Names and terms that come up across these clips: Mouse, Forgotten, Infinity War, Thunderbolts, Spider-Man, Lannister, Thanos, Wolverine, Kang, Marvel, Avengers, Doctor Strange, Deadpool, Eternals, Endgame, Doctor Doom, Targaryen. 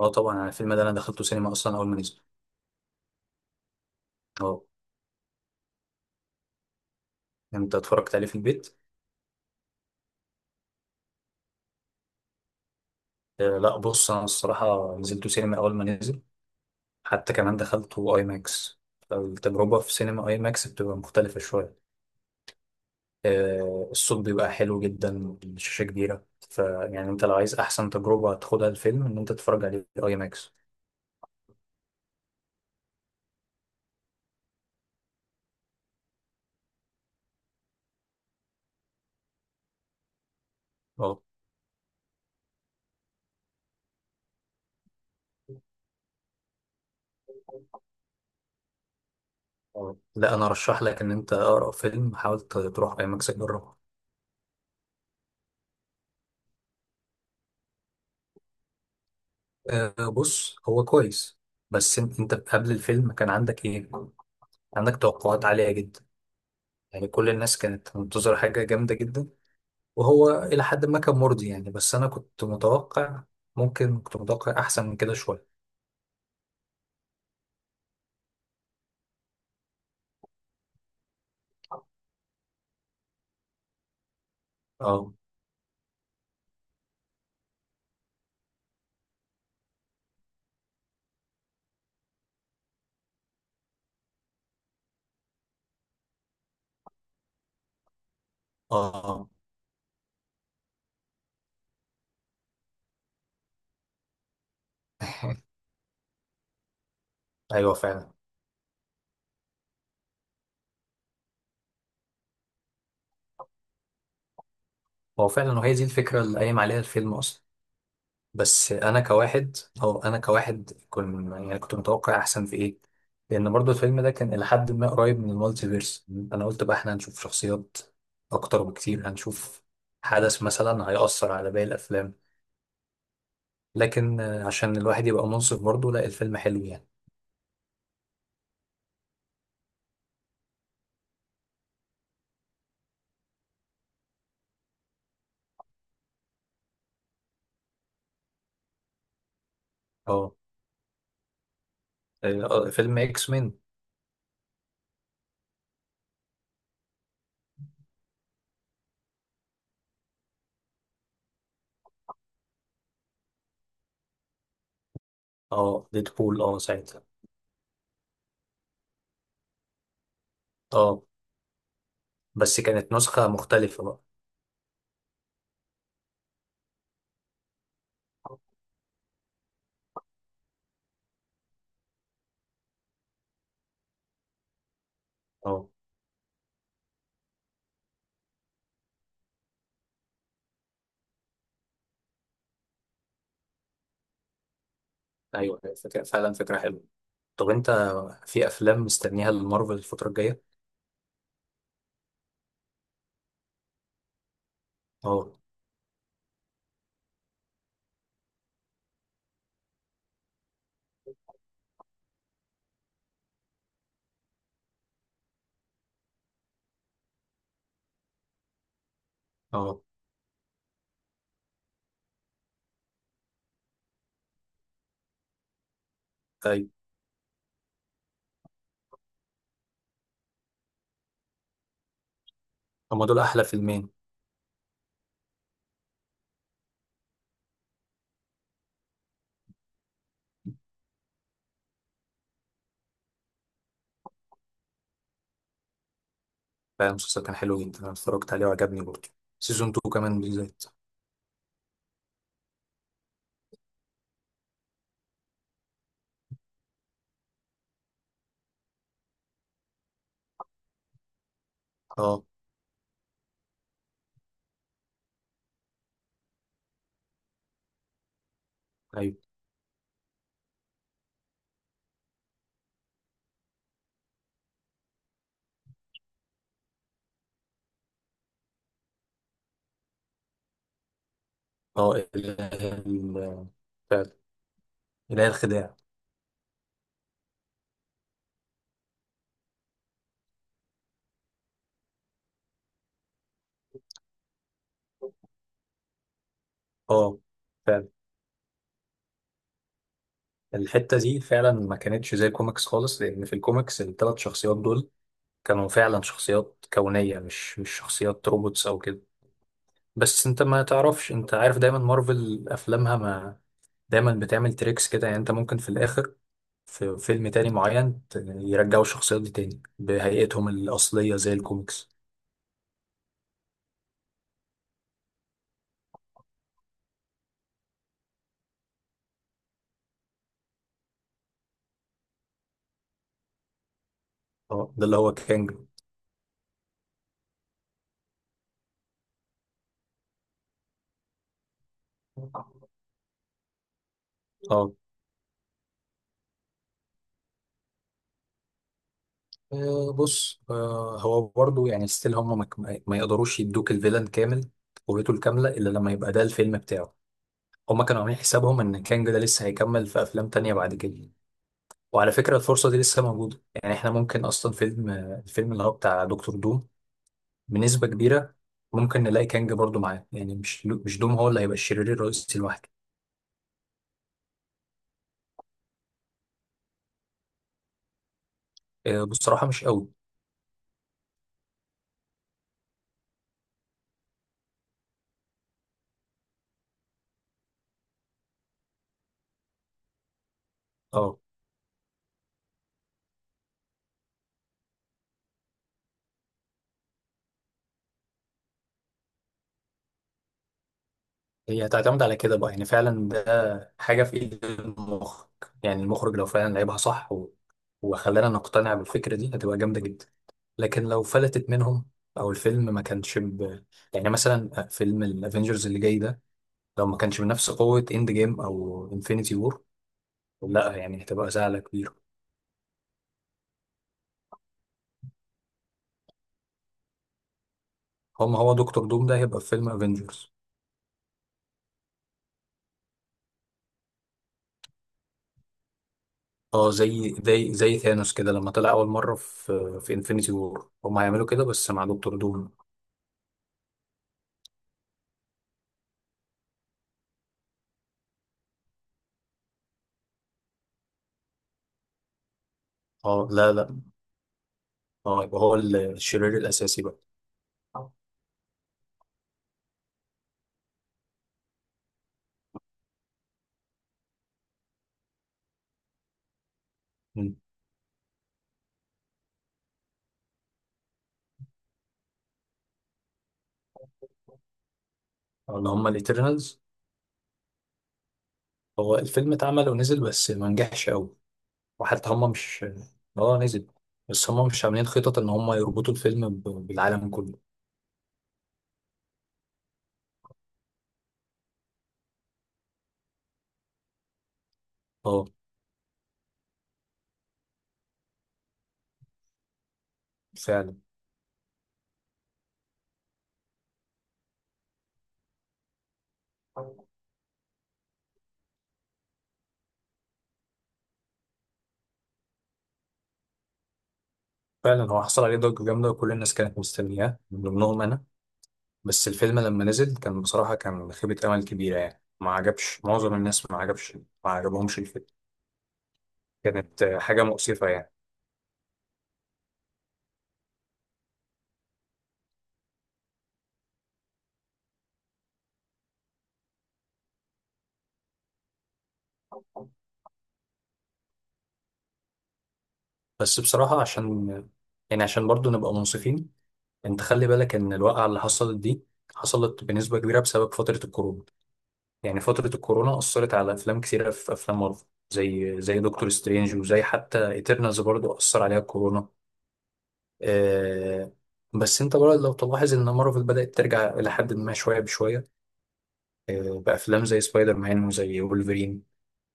اه، طبعا انا الفيلم ده انا دخلته سينما اصلا اول ما نزل. اه، انت اتفرجت عليه في البيت؟ آه، لا بص انا الصراحه نزلته سينما اول ما نزل. حتى كمان دخلته اي ماكس. فالتجربه في سينما اي ماكس بتبقى مختلفه شويه. آه، الصوت بيبقى حلو جدا، الشاشه كبيره، فيعني انت لو عايز احسن تجربه تاخدها الفيلم ان انت تتفرج عليه في اي ماكس. اه. آه. لا انا ارشح لك ان انت اقرا فيلم، حاول تروح اي ماكس تجربه. آه، بص هو كويس. بس انت قبل الفيلم كان عندك ايه؟ عندك توقعات عالية جدا، يعني كل الناس كانت منتظرة حاجة جامدة جدا. وهو إلى حد ما كان مرضي، يعني بس أنا كنت متوقع، ممكن كنت متوقع أحسن من كده شوية. اه. اه. آه. أيوه فعلا. هو فعلا، وهي دي الفكرة اللي قايم عليها الفيلم أصلا. بس أنا كواحد كنت يعني كنت متوقع أحسن في إيه، لأن برضو الفيلم ده كان إلى حد ما قريب من المالتيفيرس. أنا قلت بقى إحنا هنشوف شخصيات أكتر بكتير، هنشوف حدث مثلا هيأثر على باقي الأفلام. لكن عشان الواحد يبقى منصف برضه، لا الفيلم حلو يعني. اه. فيلم اكس مين. اه، ديدبول، اه ساعتها. اه، بس كانت نسخة مختلفة بقى. اه، ايوه، فكرة فعلا، فكرة حلوة. طب انت في افلام مستنيها لمارفل الفترة الجاية؟ اه. اه. ايوه. هما دول احلى فيلمين. فعلا المسلسل كان حلو جدا، انا اتفرجت عليه وعجبني برضه. سيزون 2 كمان بالذات. اه، ايوه، اه فعلا. اله الخداع، اه. فعلا الحتة دي فعلا ما كانتش زي الكوميكس خالص، لأن في الكوميكس الثلاث شخصيات دول كانوا فعلا شخصيات كونية، مش شخصيات روبوتس أو كده. بس أنت ما تعرفش، أنت عارف دايما مارفل أفلامها ما دايما بتعمل تريكس كده، يعني أنت ممكن في الآخر في فيلم تاني معين يرجعوا الشخصيات دي تاني بهيئتهم الأصلية زي الكوميكس. اه، ده اللي هو كانج. اه. بص، هو برضو يعني ستيل هم ما يقدروش يدوك الفيلن كامل قوته الكاملة إلا لما يبقى ده الفيلم بتاعه. هم كانوا عاملين حسابهم إن كانج ده لسه هيكمل في أفلام تانية بعد كده. وعلى فكرة الفرصة دي لسه موجودة، يعني إحنا ممكن أصلا فيلم الفيلم اللي هو بتاع دكتور دوم بنسبة كبيرة ممكن نلاقي كانج برضو معاه، يعني مش دوم هو اللي هيبقى الشرير الرئيسي لوحده. بصراحة مش قوي. اه، هي هتعتمد على كده بقى، يعني فعلا ده حاجة في ايد المخرج. يعني المخرج لو فعلا لعبها صح و... وخلانا نقتنع بالفكرة دي هتبقى جامدة جدا. لكن لو فلتت منهم، او الفيلم ما كانش يعني مثلا فيلم الافينجرز اللي جاي ده لو ما كانش بنفس قوة اند جيم او انفينيتي وور، لا يعني هتبقى زعلة كبيرة. هو دكتور دوم ده هيبقى في فيلم افينجرز؟ اه، زي ثانوس كده لما طلع اول مرة في انفينيتي وور، هم هيعملوا كده بس مع دكتور دوم. اه، لا لا. اه، يبقى هو الشرير الاساسي بقى. مم. اللي هم الاترنالز. هو الفيلم اتعمل ونزل بس ما نجحش قوي. وحتى هم مش، اه نزل، بس هم مش عاملين خطط ان هم يربطوا الفيلم بالعالم كله. اه فعلا. فعلا هو حصل عليه ضجة جامدة وكل الناس كانت مستنياه من ضمنهم انا. بس الفيلم لما نزل كان بصراحة كان خيبة امل كبيرة، يعني ما عجبش معظم الناس، ما عجبهمش الفيلم. كانت حاجة مؤسفة يعني. بس بصراحة عشان برضو نبقى منصفين، انت خلي بالك ان الواقعة اللي حصلت دي حصلت بنسبة كبيرة بسبب فترة الكورونا. يعني فترة الكورونا أثرت على أفلام كثيرة، في أفلام مارفل زي دكتور سترينج، وزي حتى إيترنالز برضو أثر عليها الكورونا. آه. بس انت برضه لو تلاحظ ان مارفل بدأت ترجع إلى حد ما شوية بشوية، بأفلام زي سبايدر مان وزي وولفرين.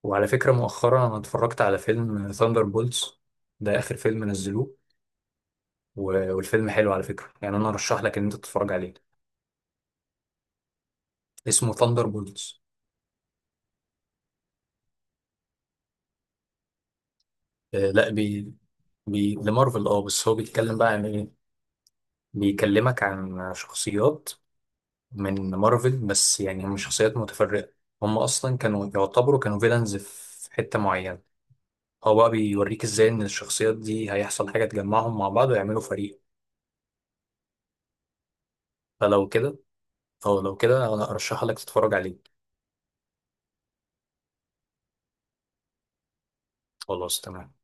وعلى فكرة مؤخرا أنا اتفرجت على فيلم ثاندر بولتس، ده آخر فيلم نزلوه. والفيلم حلو على فكرة، يعني أنا أرشح لك إن أنت تتفرج عليه. اسمه ثاندر. لا، لمارفل، اه بس هو بيتكلم بقى عن ايه، بيكلمك عن شخصيات من مارفل، بس يعني هم شخصيات متفرقة. هم اصلا كانوا يعتبروا كانوا فيلنز في حتة معينة. هو بقى بيوريك ازاي ان الشخصيات دي هيحصل حاجة تجمعهم مع بعض ويعملوا فريق. فلو كده، او لو كده، انا ارشح لك تتفرج عليه. خلاص تمام.